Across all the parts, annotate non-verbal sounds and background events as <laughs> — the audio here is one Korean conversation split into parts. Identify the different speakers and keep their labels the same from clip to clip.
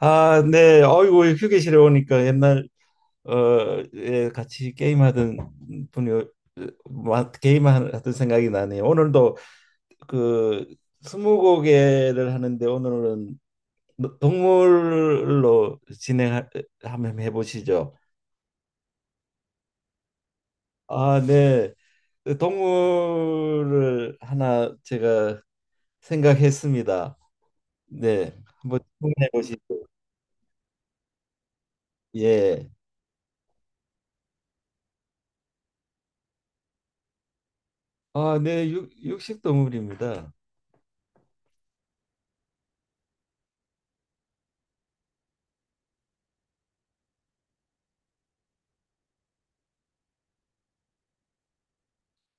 Speaker 1: 아, 네. 아이고, 휴게실에 오니까 옛날 예, 같이 게임하던 분이 게임하던 생각이 나네요. 오늘도 그 스무고개를 하는데 오늘은 동물로 진행 한번 해보시죠. 아, 네. 그 동물을 하나 제가 생각했습니다. 네. 한번 질문해 보시죠. 예. 아, 네. 육식 동물입니다.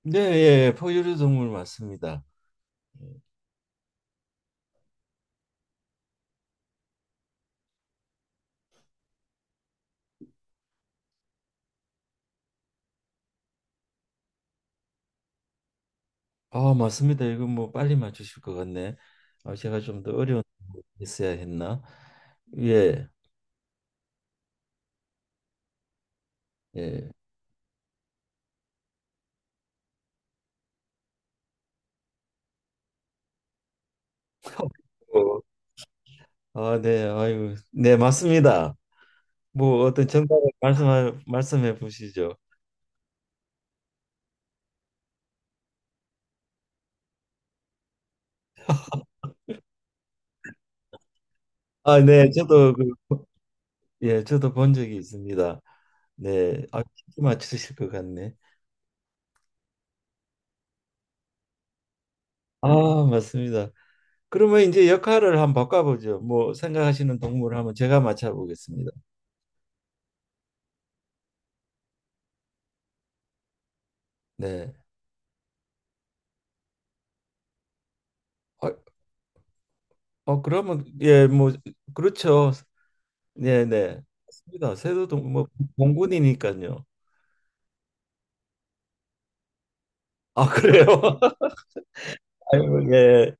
Speaker 1: 네, 예, 예. 포유류 동물 맞습니다. 아, 맞습니다. 이거 뭐 빨리 맞추실 것 같네. 아, 제가 좀 더 어려운 거 했어야 했나? 예, 예. 어. 아, 네, 아유, 네, 맞습니다. 뭐 어떤 정답을 말씀해 보시죠. 아, 네, 저도 예, 저도 본 적이 있습니다. 네, 아, 쉽게 맞추실 것 같네. 아, 맞습니다. 그러면 이제 역할을 한번 바꿔보죠. 뭐 생각하시는 동물 한번 제가 맞춰보겠습니다. 네. 아, 그러면 예, 뭐 그렇죠. 네네, 맞습니다. 세도동 뭐, 공군이니까요. 아, 그래요? <laughs> 아이고, 예네.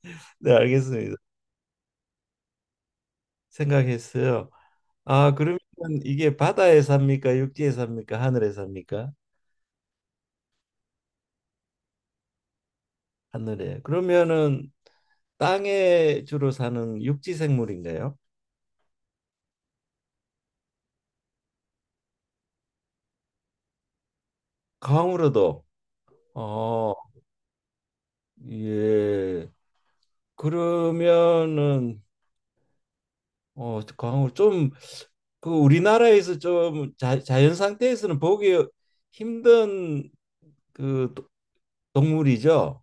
Speaker 1: 알겠습니다. 생각했어요. 아, 그러면 이게 바다에 삽니까, 육지에 삽니까, 하늘에 삽니까? 하늘에. 그러면은 땅에 주로 사는 육지 생물인가요? 강으로도. 어 예. 그러면은 어, 광좀그 우리나라에서 좀 자연 상태에서는 보기 힘든 그 동물이죠.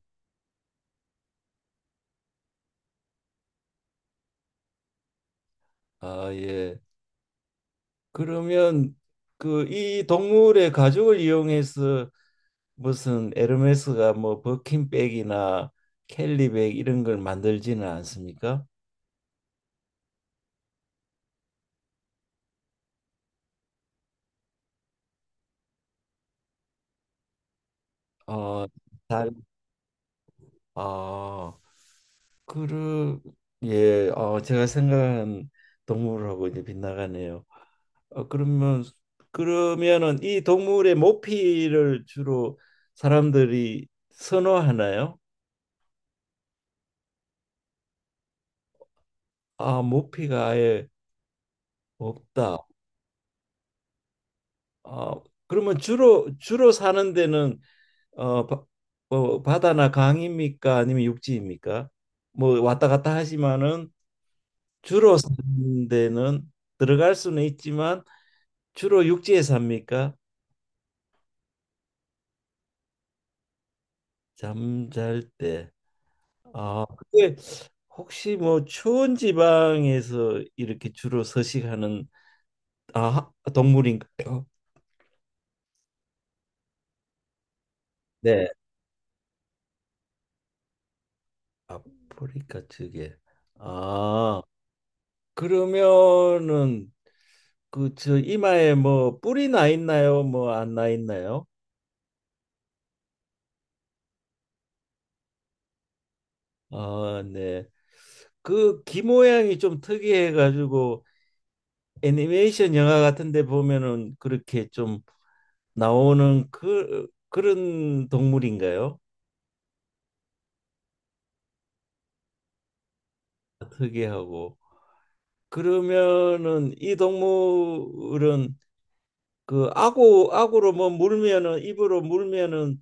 Speaker 1: 아, 예. 그러면 그 이 동물의 가죽을 이용해서 무슨 에르메스가 뭐 버킨백이나 캘리백 이런 걸 만들지는 않습니까? 어, 잘, 아, 그러, 예, 제가 생각한 동물하고 이제 빗나가네요. 어, 그러면 그러면은 이 동물의 모피를 주로 사람들이 선호하나요? 아, 모피가 아예 없다. 아, 그러면 주로 사는 데는 어, 바, 바다나 강입니까? 아니면 육지입니까? 뭐 왔다 갔다 하지만은 주로 사는 데는 들어갈 수는 있지만 주로 육지에 삽니까? 잠잘 때. 아, 근데 혹시 뭐 추운 지방에서 이렇게 주로 서식하는 동물인가요? 네. 아프리카 쪽에. 아, 그러면은 그 저 이마에 뭐 뿔이 나 있나요? 뭐 안 나 있나요? 아, 네. 그 귀 모양이 좀 특이해 가지고 애니메이션 영화 같은 데 보면은 그렇게 좀 나오는 그런 동물인가요? 특이하고. 그러면은 이 동물은 그 아구로 뭐 물면은 입으로 물면은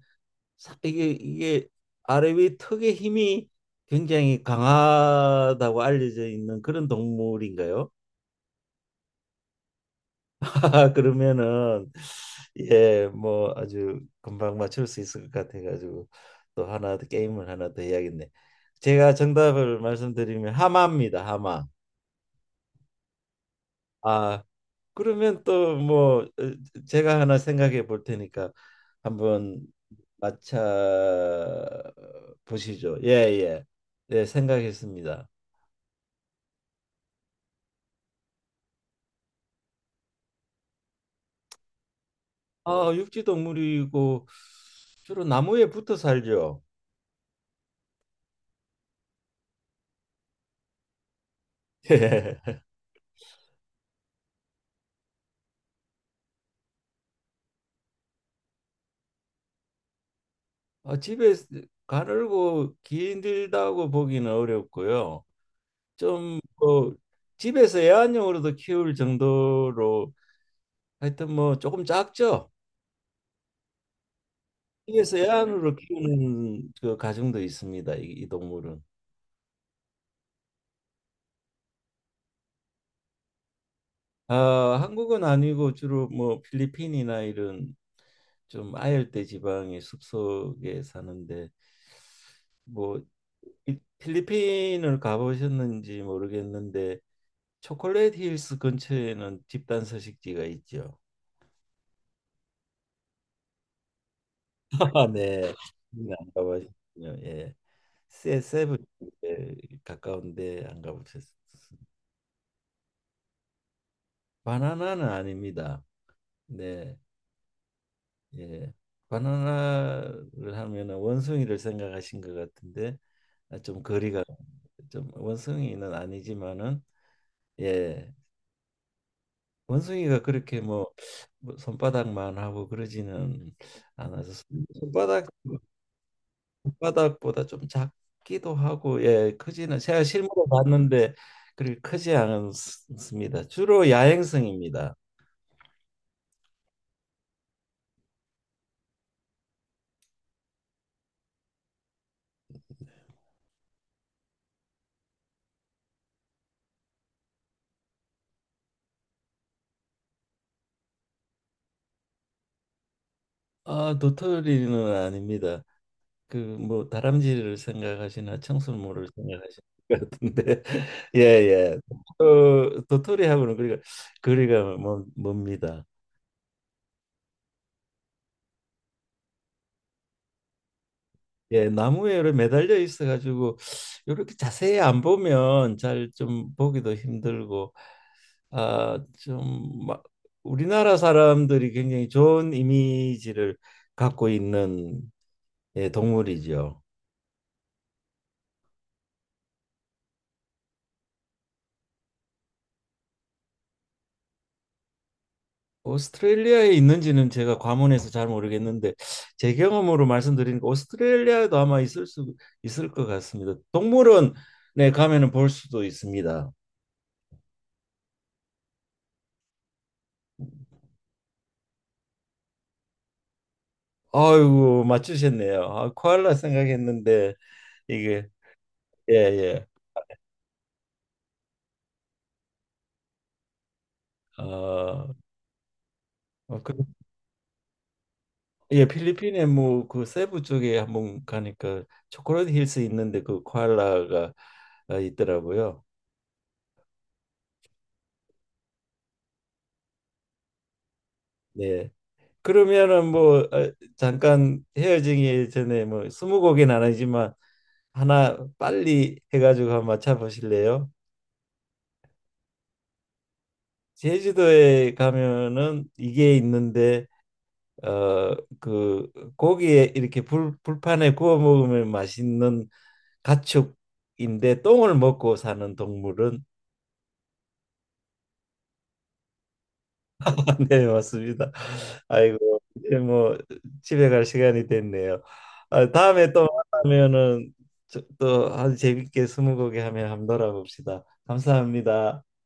Speaker 1: 이게 아래 위 턱의 힘이 굉장히 강하다고 알려져 있는 그런 동물인가요? <laughs> 아, 그러면은 예, 뭐 아주 금방 맞출 수 있을 것 같아가지고 또 하나 더 게임을 하나 더 해야겠네. 제가 정답을 말씀드리면 하마입니다. 하마. 아, 그러면 또뭐 제가 하나 생각해 볼 테니까 한번 맞춰 보시죠. 예, 예. 네, 생각했습니다. 아, 육지 동물이고 주로 나무에 붙어 살죠. <laughs> 예. 아, 집에 가늘고 길다고 보기는 어렵고요. 좀 뭐 집에서 애완용으로도 키울 정도로 하여튼 뭐 조금 작죠. 그래서 애완으로 키우는 그 가정도 있습니다. 이 동물은. 아, 한국은 아니고 주로 뭐 필리핀이나 이런 좀 아열대 지방의 숲속에 사는데 뭐 필리핀을 가보셨는지 모르겠는데 초콜릿 힐스 근처에는 집단 서식지가 있죠. <laughs> 아, 네. 네, 안 가보셨군요. 예. 세븐에 가까운데 안 가보셨어요. 바나나는 아닙니다. 네. 예. 바나나를 하면은 원숭이를 생각하신 것 같은데 아, 좀 원숭이는 아니지만은 예. 원숭이가 그렇게 뭐뭐 손바닥만 하고 그러지는 않아서 손바닥. 손바닥보다 좀 작기도 하고 예, 크지는 제가 실물로 봤는데 그렇게 크지 않습니다. 주로 야행성입니다. 아, 도토리는 아닙니다. 그 뭐 다람쥐를 생각하시나 청설모를 생각하시는 것 같은데 <laughs> 예예. 도토리하고는 그리가 거리가 멉니다. 예, 나무에 이렇게 매달려 있어 가지고 이렇게 자세히 안 보면 잘 좀 보기도 힘들고 아좀막 우리나라 사람들이 굉장히 좋은 이미지를 갖고 있는 예, 동물이죠. 오스트레일리아에 있는지는 제가 과문해서 잘 모르겠는데 제 경험으로 말씀드리니까 오스트레일리아에도 아마 있을 수 있을 것 같습니다. 동물원에 가면은 볼 수도 있습니다. 아이고, 맞추셨네요. 아, 코알라 생각했는데 이게 예예. 어, 어, 그, 예. 필리핀에 뭐 그 세부 쪽에 한번 가니까 초콜릿 힐스 있는데 그 코알라가 있더라고요. 네. 그러면은 뭐 잠깐 헤어지기 전에 뭐 스무 곡은 아니지만 하나 빨리 해가지고 한번 맞춰보실래요? 제주도에 가면은 이게 있는데 어 그 고기에 이렇게 불 불판에 구워 먹으면 맛있는 가축인데 똥을 먹고 사는 동물은. <laughs> 네, 맞습니다. 아이고, 이제 뭐 집에 갈 시간이 됐네요. 아, 다음에 또 만나면은 또 아주 재밌게 스무고개 하면 한번 놀아봅시다. 감사합니다.